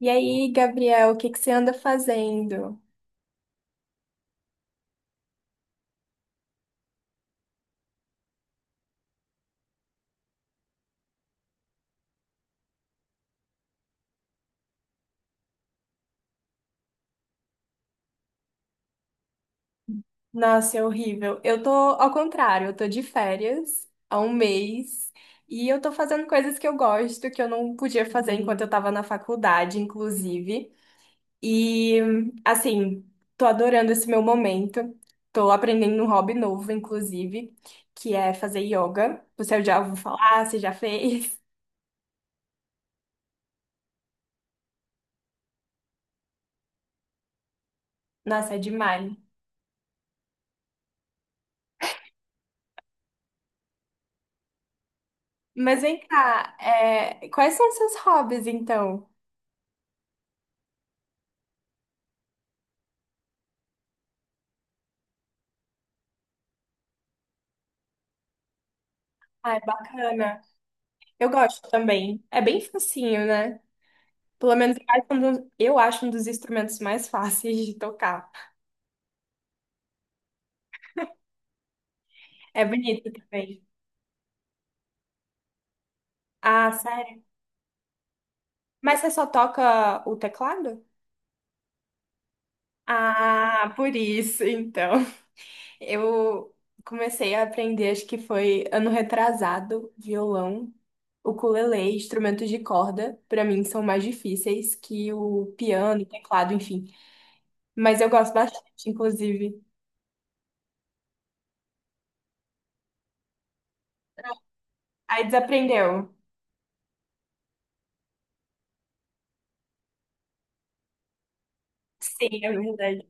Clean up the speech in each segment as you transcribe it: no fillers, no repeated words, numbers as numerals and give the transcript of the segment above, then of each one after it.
E aí, Gabriel, o que que você anda fazendo? Nossa, é horrível. Eu tô ao contrário, eu tô de férias há um mês e eu tô fazendo coisas que eu gosto, que eu não podia fazer enquanto eu tava na faculdade, inclusive. E assim, tô adorando esse meu momento. Tô aprendendo um hobby novo, inclusive, que é fazer yoga. Você já ouviu falar? Você já fez? Nossa, é demais. Mas vem cá, quais são os seus hobbies, então? Ah, é bacana. Eu gosto também. É bem facinho, né? Pelo menos eu acho um dos instrumentos mais fáceis de tocar. É bonito também. Ah, sério? Mas você só toca o teclado? Ah, por isso, então. Eu comecei a aprender, acho que foi ano retrasado, violão, ukulele, instrumentos de corda. Pra mim são mais difíceis que o piano, teclado, enfim. Mas eu gosto bastante, inclusive. Aí desaprendeu. Sim, é verdade.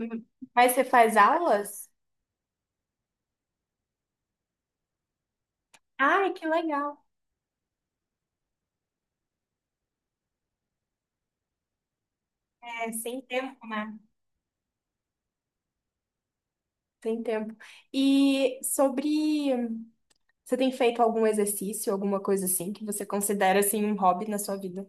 Hum. Mas você faz aulas? Ai, que legal. É sem tempo, né? Tem tempo. E sobre. Você tem feito algum exercício, alguma coisa assim, que você considera assim um hobby na sua vida?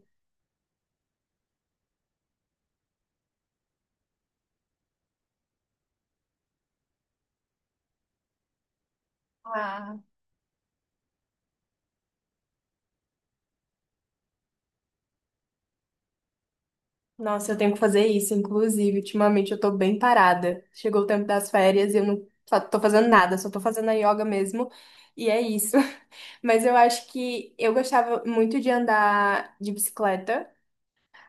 Ah, nossa, eu tenho que fazer isso, inclusive. Ultimamente eu tô bem parada. Chegou o tempo das férias e eu não fa- tô fazendo nada, só tô fazendo a yoga mesmo. E é isso. Mas eu acho que eu gostava muito de andar de bicicleta.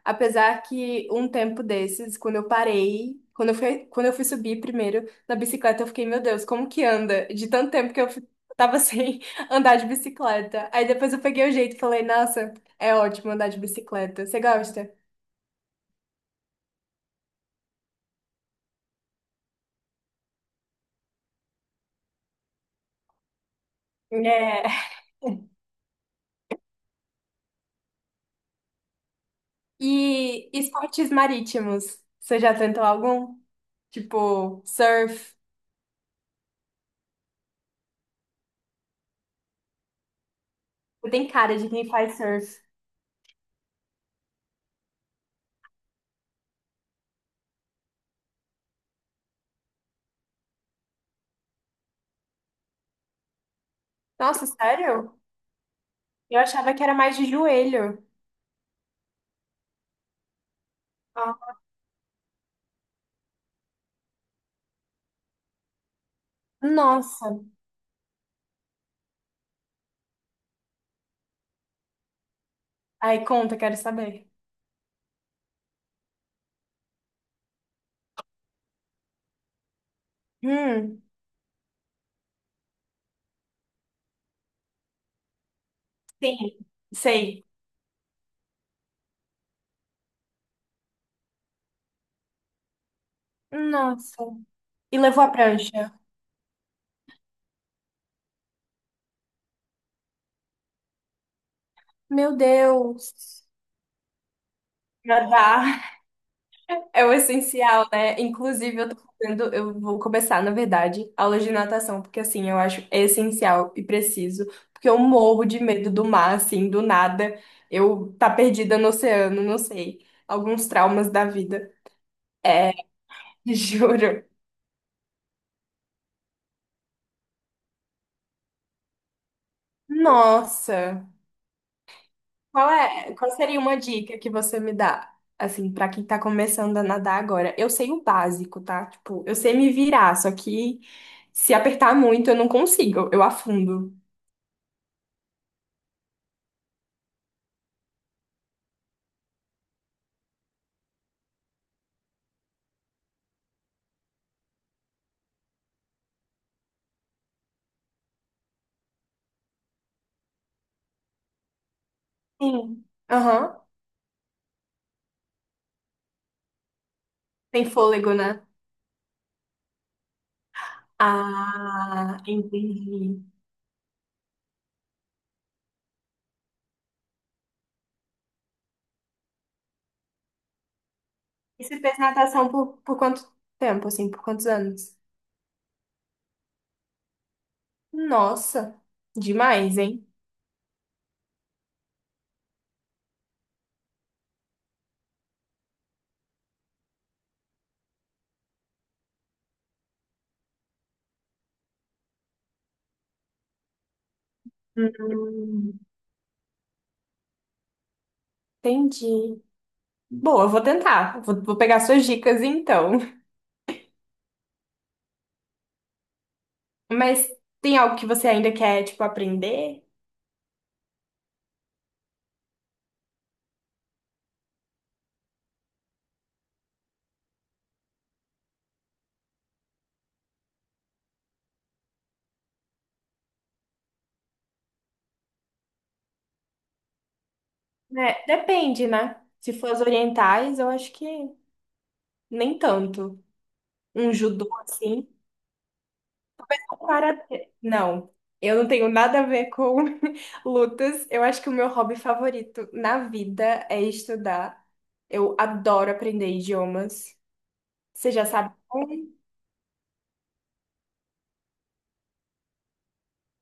Apesar que um tempo desses, quando eu parei, quando eu fui subir primeiro na bicicleta, eu fiquei, meu Deus, como que anda? De tanto tempo que eu fi- tava sem andar de bicicleta. Aí depois eu peguei o jeito e falei, nossa, é ótimo andar de bicicleta. Você gosta? É. E esportes marítimos, você já tentou algum? Tipo, surf. Você tem cara de quem faz surf. Nossa, sério? Eu achava que era mais de joelho. Ah. Nossa. Aí conta, quero saber. Hum, sim, sei. Nossa. E levou a prancha. Meu Deus. Nadar é o essencial, né? Inclusive, eu tô fazendo, eu vou começar, na verdade, aula de natação, porque assim, eu acho essencial e preciso, porque eu morro de medo do mar, assim, do nada. Eu tá perdida no oceano, não sei. Alguns traumas da vida. É, juro. Nossa. Qual seria uma dica que você me dá, assim, pra quem tá começando a nadar agora? Eu sei o básico, tá? Tipo, eu sei me virar, só que se apertar muito eu não consigo, eu afundo. Sim. Aham. Tem fôlego, né? Ah, entendi. E você fez natação por quanto tempo, assim, por quantos anos? Nossa, demais, hein? Hum, entendi. Boa, eu vou tentar. Vou pegar suas dicas então. Mas tem algo que você ainda quer, tipo, aprender? Né? Depende, né? Se for as orientais, eu acho que nem tanto. Um judô assim, um karatê. Não, eu não tenho nada a ver com lutas. Eu acho que o meu hobby favorito na vida é estudar. Eu adoro aprender idiomas. Você já sabe um?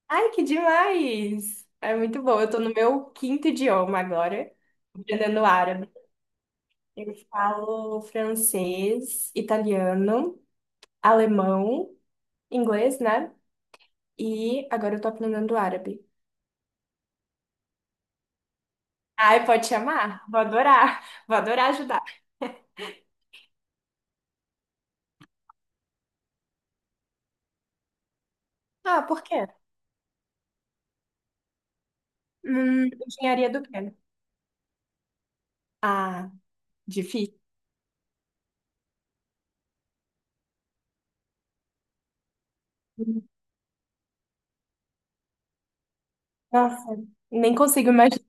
Ai, que demais! É muito bom. Eu tô no meu quinto idioma agora, aprendendo árabe. Eu falo francês, italiano, alemão, inglês, né? E agora eu tô aprendendo árabe. Ai, pode chamar? Vou adorar. Vou adorar ajudar. Ah, por quê? Engenharia do quê? Ah, difícil. Nossa, nem consigo imaginar.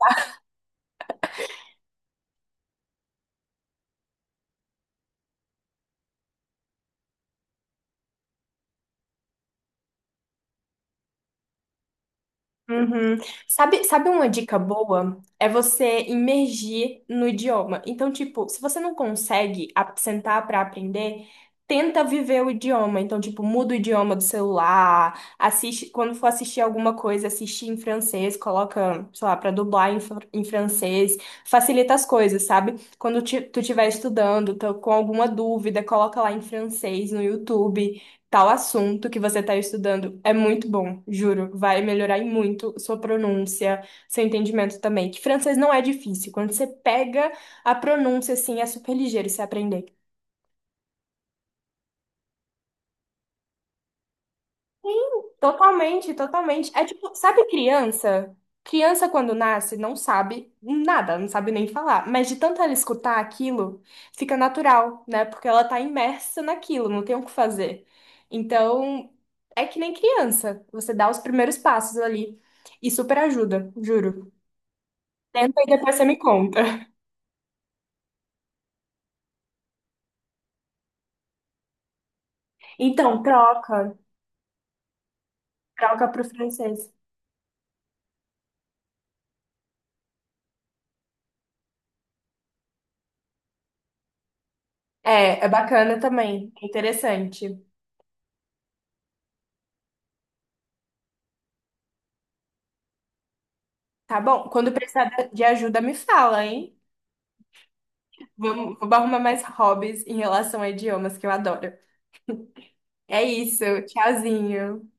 Uhum. Sabe, sabe uma dica boa? É você imergir no idioma. Então, tipo, se você não consegue a- sentar para aprender, tenta viver o idioma. Então, tipo, muda o idioma do celular, assiste, quando for assistir alguma coisa, assiste em francês, coloca, sei lá, para dublar em, fr- em francês. Facilita as coisas, sabe? Quando ti- tu estiver estudando, tá com alguma dúvida, coloca lá em francês no YouTube. Tal assunto que você está estudando é muito bom, juro. Vai melhorar em muito sua pronúncia, seu entendimento também. Que francês não é difícil. Quando você pega a pronúncia, assim, é super ligeiro você aprender. Sim, totalmente, totalmente. É tipo, sabe criança? Criança quando nasce não sabe nada, não sabe nem falar, mas de tanto ela escutar aquilo, fica natural, né? Porque ela tá imersa naquilo, não tem o que fazer. Então, é que nem criança, você dá os primeiros passos ali e super ajuda, juro. Tenta e depois você me conta. Então, troca, troca pro francês. É, é bacana também, é interessante. Tá bom? Quando precisar de ajuda, me fala, hein? Vamos, vou arrumar mais hobbies em relação a idiomas que eu adoro. É isso, tchauzinho.